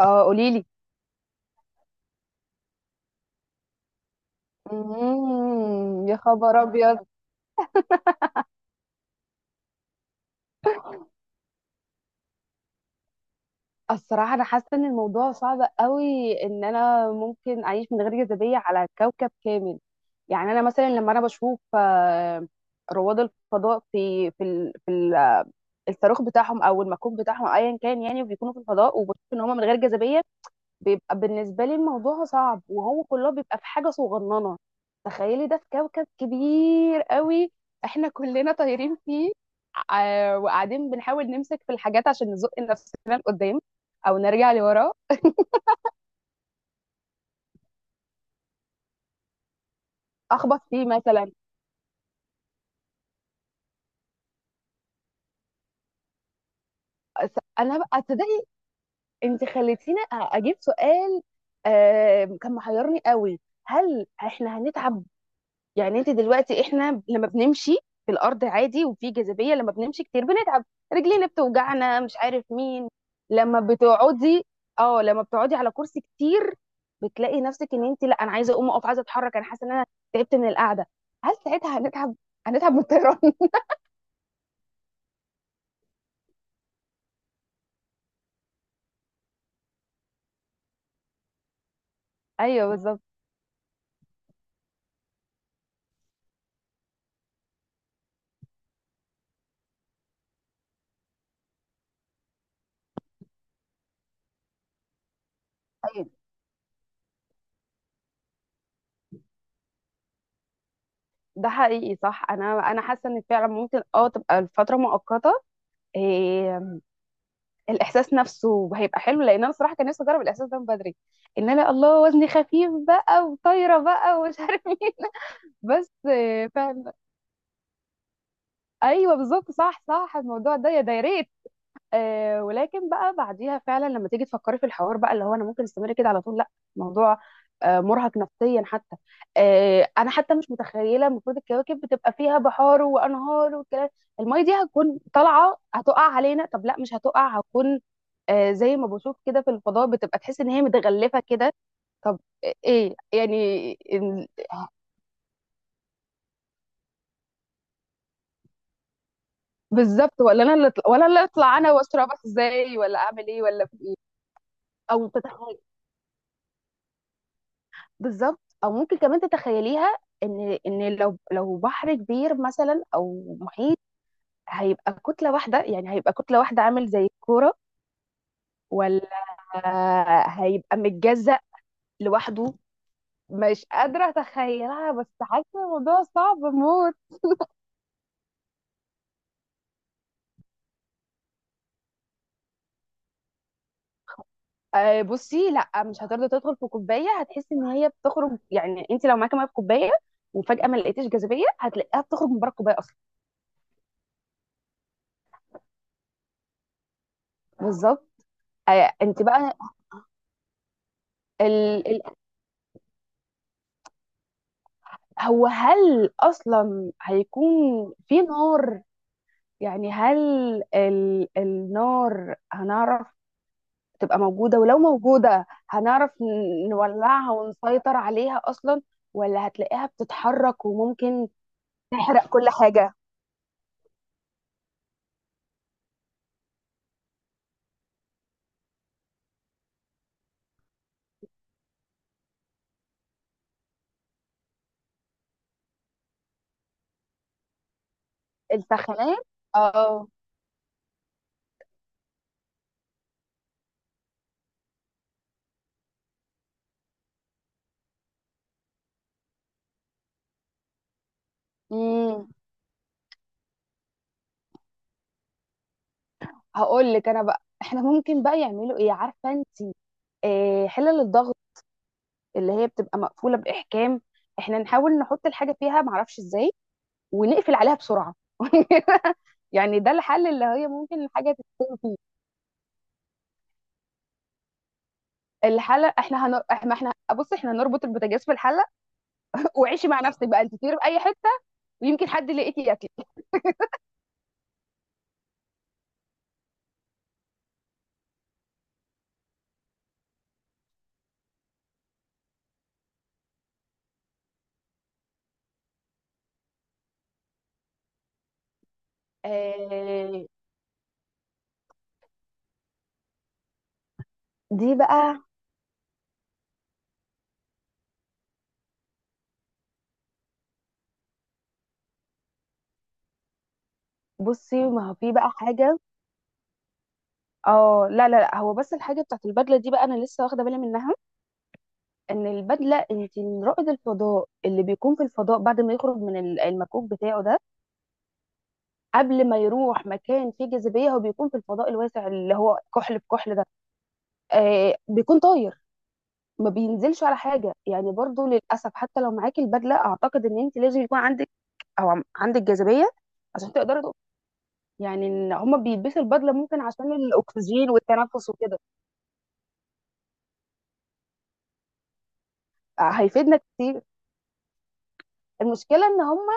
اه، قوليلي. يا خبر ابيض! الصراحه، انا حاسه ان الموضوع صعب قوي ان انا ممكن اعيش من غير جاذبيه على كوكب كامل. يعني انا مثلا لما انا بشوف رواد الفضاء في الصاروخ بتاعهم او المكوك بتاعهم أو ايا كان، يعني وبيكونوا في الفضاء وبشوف ان هم من غير جاذبيه. بيبقى بالنسبة لي الموضوع صعب، وهو كله بيبقى في حاجة صغننة. تخيلي ده في كوكب كبير قوي، احنا كلنا طايرين فيه. وقاعدين بنحاول نمسك في الحاجات عشان نزق نفسنا لقدام، او نرجع لورا. اخبط فيه مثلا. انا بقى تصدقي، انت خليتيني اجيب سؤال كان محيرني قوي. هل احنا هنتعب؟ يعني انت دلوقتي، احنا لما بنمشي في الارض عادي وفي جاذبيه، لما بنمشي كتير بنتعب، رجلينا بتوجعنا مش عارف مين. لما بتقعدي اه لما بتقعدي على كرسي كتير، بتلاقي نفسك ان انت، لا انا عايزه اقوم اقف، عايزه اتحرك، انا حاسه ان انا تعبت من القعده. هل ساعتها هنتعب؟ هنتعب من الطيران؟ ايوه، بالظبط. أيوة. ده حقيقي، صح، انا حاسه ان فعلا ممكن تبقى الفتره مؤقته. إيه، الاحساس نفسه هيبقى حلو، لان انا صراحه كان نفسي اجرب الاحساس ده من بدري، ان انا الله وزني خفيف بقى وطايره بقى ومش عارف مين. بس فعلا. ايوه، بالظبط، صح، صح، الموضوع ده يا ريت. ولكن بقى بعديها فعلا لما تيجي تفكري في الحوار بقى، اللي هو انا ممكن استمر كده على طول؟ لا، الموضوع مرهق نفسيا حتى. انا حتى مش متخيله، المفروض الكواكب بتبقى فيها بحار وانهار والكلام. الميه دي هتكون طالعه هتقع علينا؟ طب لا، مش هتقع، هتكون زي ما بشوف كده في الفضاء، بتبقى تحس ان هي متغلفه كده. طب إيه، يعني بالظبط، ولا اللي اطلع انا واسرع، بس ازاي؟ ولا اعمل ايه؟ ولا في ايه؟ او تتخيل بالظبط، او ممكن كمان تتخيليها، ان لو بحر كبير مثلا او محيط، هيبقى كتله واحده، يعني هيبقى كتله واحده عامل زي الكوره، ولا هيبقى متجزأ لوحده؟ مش قادره اتخيلها، بس حاسه الموضوع صعب موت. بصي، لا مش هترضى تدخل في كوبايه، هتحسي ان هي بتخرج، يعني انت لو معاكي ميه في كوبايه وفجاه ما لقيتيش جاذبيه هتلاقيها بتخرج من بره الكوبايه اصلا. بالظبط. آه، انت بقى ال- هو، هل اصلا هيكون في نار؟ يعني هل النار هنعرف تبقى موجودة، ولو موجودة هنعرف نولعها ونسيطر عليها اصلا؟ ولا هتلاقيها بتتحرك وممكن تحرق كل حاجة؟ السخانات، اه. امم هقول لك انا بقى، احنا ممكن بقى يعملوا ايه عارفة انت؟ حلل الضغط اللي هي بتبقى مقفولة بإحكام، احنا نحاول نحط الحاجة فيها معرفش ازاي، ونقفل عليها بسرعه. يعني ده الحل، اللي هي ممكن الحاجه ما احنا بص، احنا هنربط البوتاجاز في الحله. وعيشي مع نفسك بقى، انت تطيري في اي حته، ويمكن حد لقيتي ياكل. آه... دي بقى، بصي، ما هو في بقى حاجه. اه، لا، لا، لا، هو بس الحاجه بتاعت البدله دي بقى انا لسه واخده بالي منها، ان البدله، انت رائد الفضاء اللي بيكون في الفضاء بعد ما يخرج من المكوك بتاعه ده، قبل ما يروح مكان فيه جاذبيه هو بيكون في الفضاء الواسع اللي هو كحل بكحل. بيكون طاير، ما بينزلش على حاجه، يعني برضو للاسف حتى لو معاكي البدله اعتقد ان انت لازم يكون عندك عندك جاذبيه عشان تقدري تقف. يعني ان هما بيلبسوا البدله ممكن عشان الاكسجين والتنفس وكده. هيفيدنا كتير. المشكله ان هما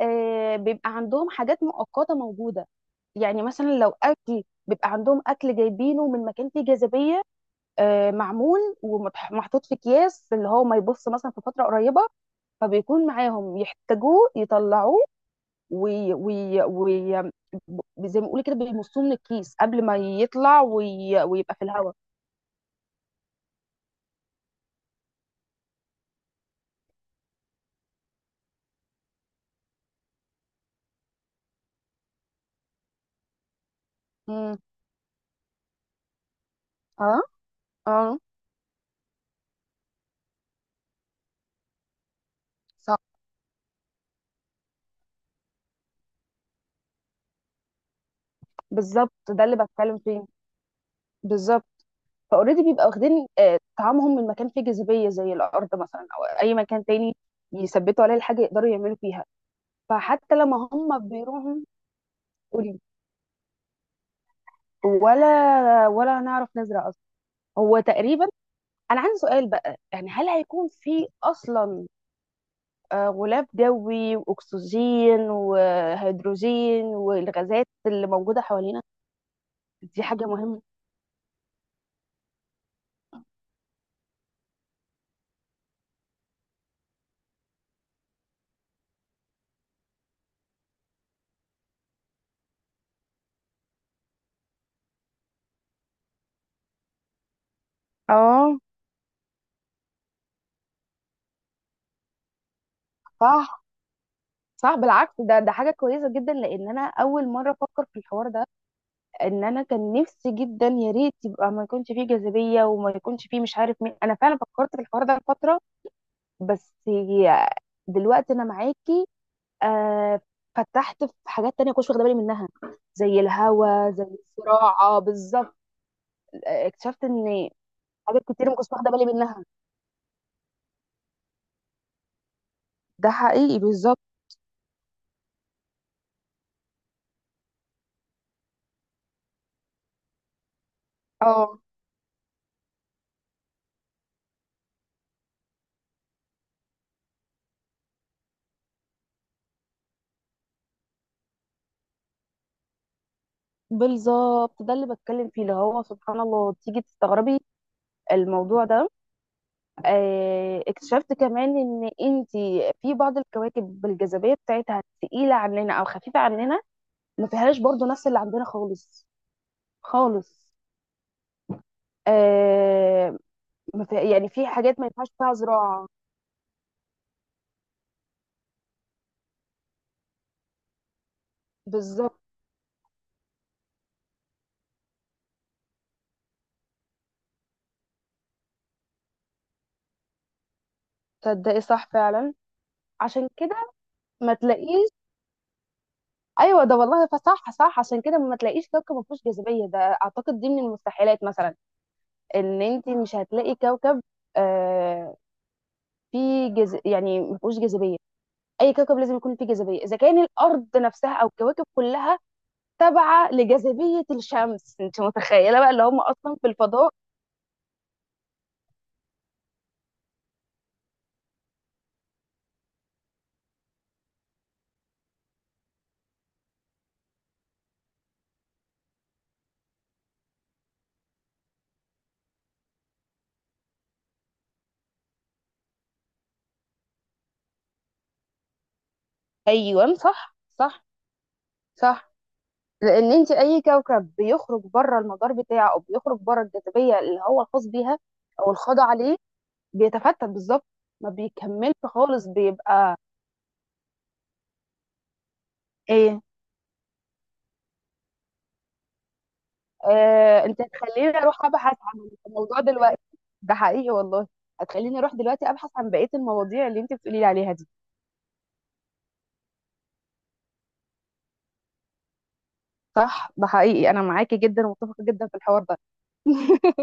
بيبقى عندهم حاجات مؤقته موجوده. يعني مثلا لو اكل بيبقى عندهم اكل جايبينه من مكان فيه جاذبيه، معمول ومحطوط في اكياس اللي هو ما يبص مثلا في فتره قريبه. فبيكون معاهم يحتاجوه يطلعوه وي... وي... وي... ب- زي ما بيقولوا كده بيمصوه من الكيس قبل ما يطلع ويبقى في الهواء. امم اه، اه، صح. بالظبط، ده اللي بتكلم فيه، بالظبط. فاوريدي بيبقى واخدين طعامهم من مكان فيه جاذبيه زي الارض مثلا، او اي مكان تاني، يثبتوا عليه الحاجه يقدروا يعملوا فيها. فحتى لما هم بيروحوا، قولي. ولا نعرف نزرع اصلا؟ هو تقريبا، انا عندي سؤال بقى، يعني هل هيكون في اصلا غلاف جوي واكسجين وهيدروجين والغازات اللي موجوده حوالينا؟ دي حاجه مهمه. اه، صح، صح، بالعكس ده حاجه كويسه جدا، لان انا اول مره افكر في الحوار ده، ان انا كان نفسي جدا يا ريت يبقى ما يكونش فيه جاذبيه وما يكونش فيه مش عارف مين، انا فعلا فكرت في الحوار ده لفتره. بس دلوقتي انا معاكي. آه فتحت في حاجات تانية كنتش واخده بالي منها، زي الهوا، زي الزراعه بالظبط. اكتشفت ان حاجات كتير ما كنتش واخده بالي منها. ده حقيقي، بالظبط. اه، بالظبط، ده اللي بتكلم فيه، اللي هو سبحان الله تيجي تستغربي الموضوع ده. اكتشفت كمان ان انت، في بعض الكواكب بالجاذبيه بتاعتها تقيله عننا او خفيفه عننا، ما فيهاش برضو نفس اللي عندنا خالص، خالص. آه ما في، يعني في حاجات ما ينفعش فيها زراعه. بالظبط، تصدقي، صح فعلا، عشان كده ما تلاقيش. ايوه، ده والله، فصح، صح، عشان كده ما تلاقيش كوكب ما فيهوش جاذبيه، ده اعتقد دي من المستحيلات مثلا. ان انت مش هتلاقي كوكب آه يعني ما فيهوش جاذبيه. اي كوكب لازم يكون فيه جاذبيه، اذا كان الارض نفسها او الكواكب كلها تابعه لجاذبيه الشمس، انت متخيله بقى اللي هم اصلا في الفضاء. ايوه، صح، صح، صح. لان انت اي كوكب بيخرج بره المدار بتاعه او بيخرج بره الجاذبيه اللي هو الخاص بيها، او الخاضع عليه، بيتفتت، بالظبط. ما بيكملش خالص بيبقى ايه. انت هتخليني اروح ابحث عن الموضوع دلوقتي. ده حقيقي والله، هتخليني اروح دلوقتي ابحث عن بقية المواضيع اللي انت بتقولي لي عليها دي. صح، ده حقيقي، انا معاكي جدا ومتفقة جدا في الحوار ده.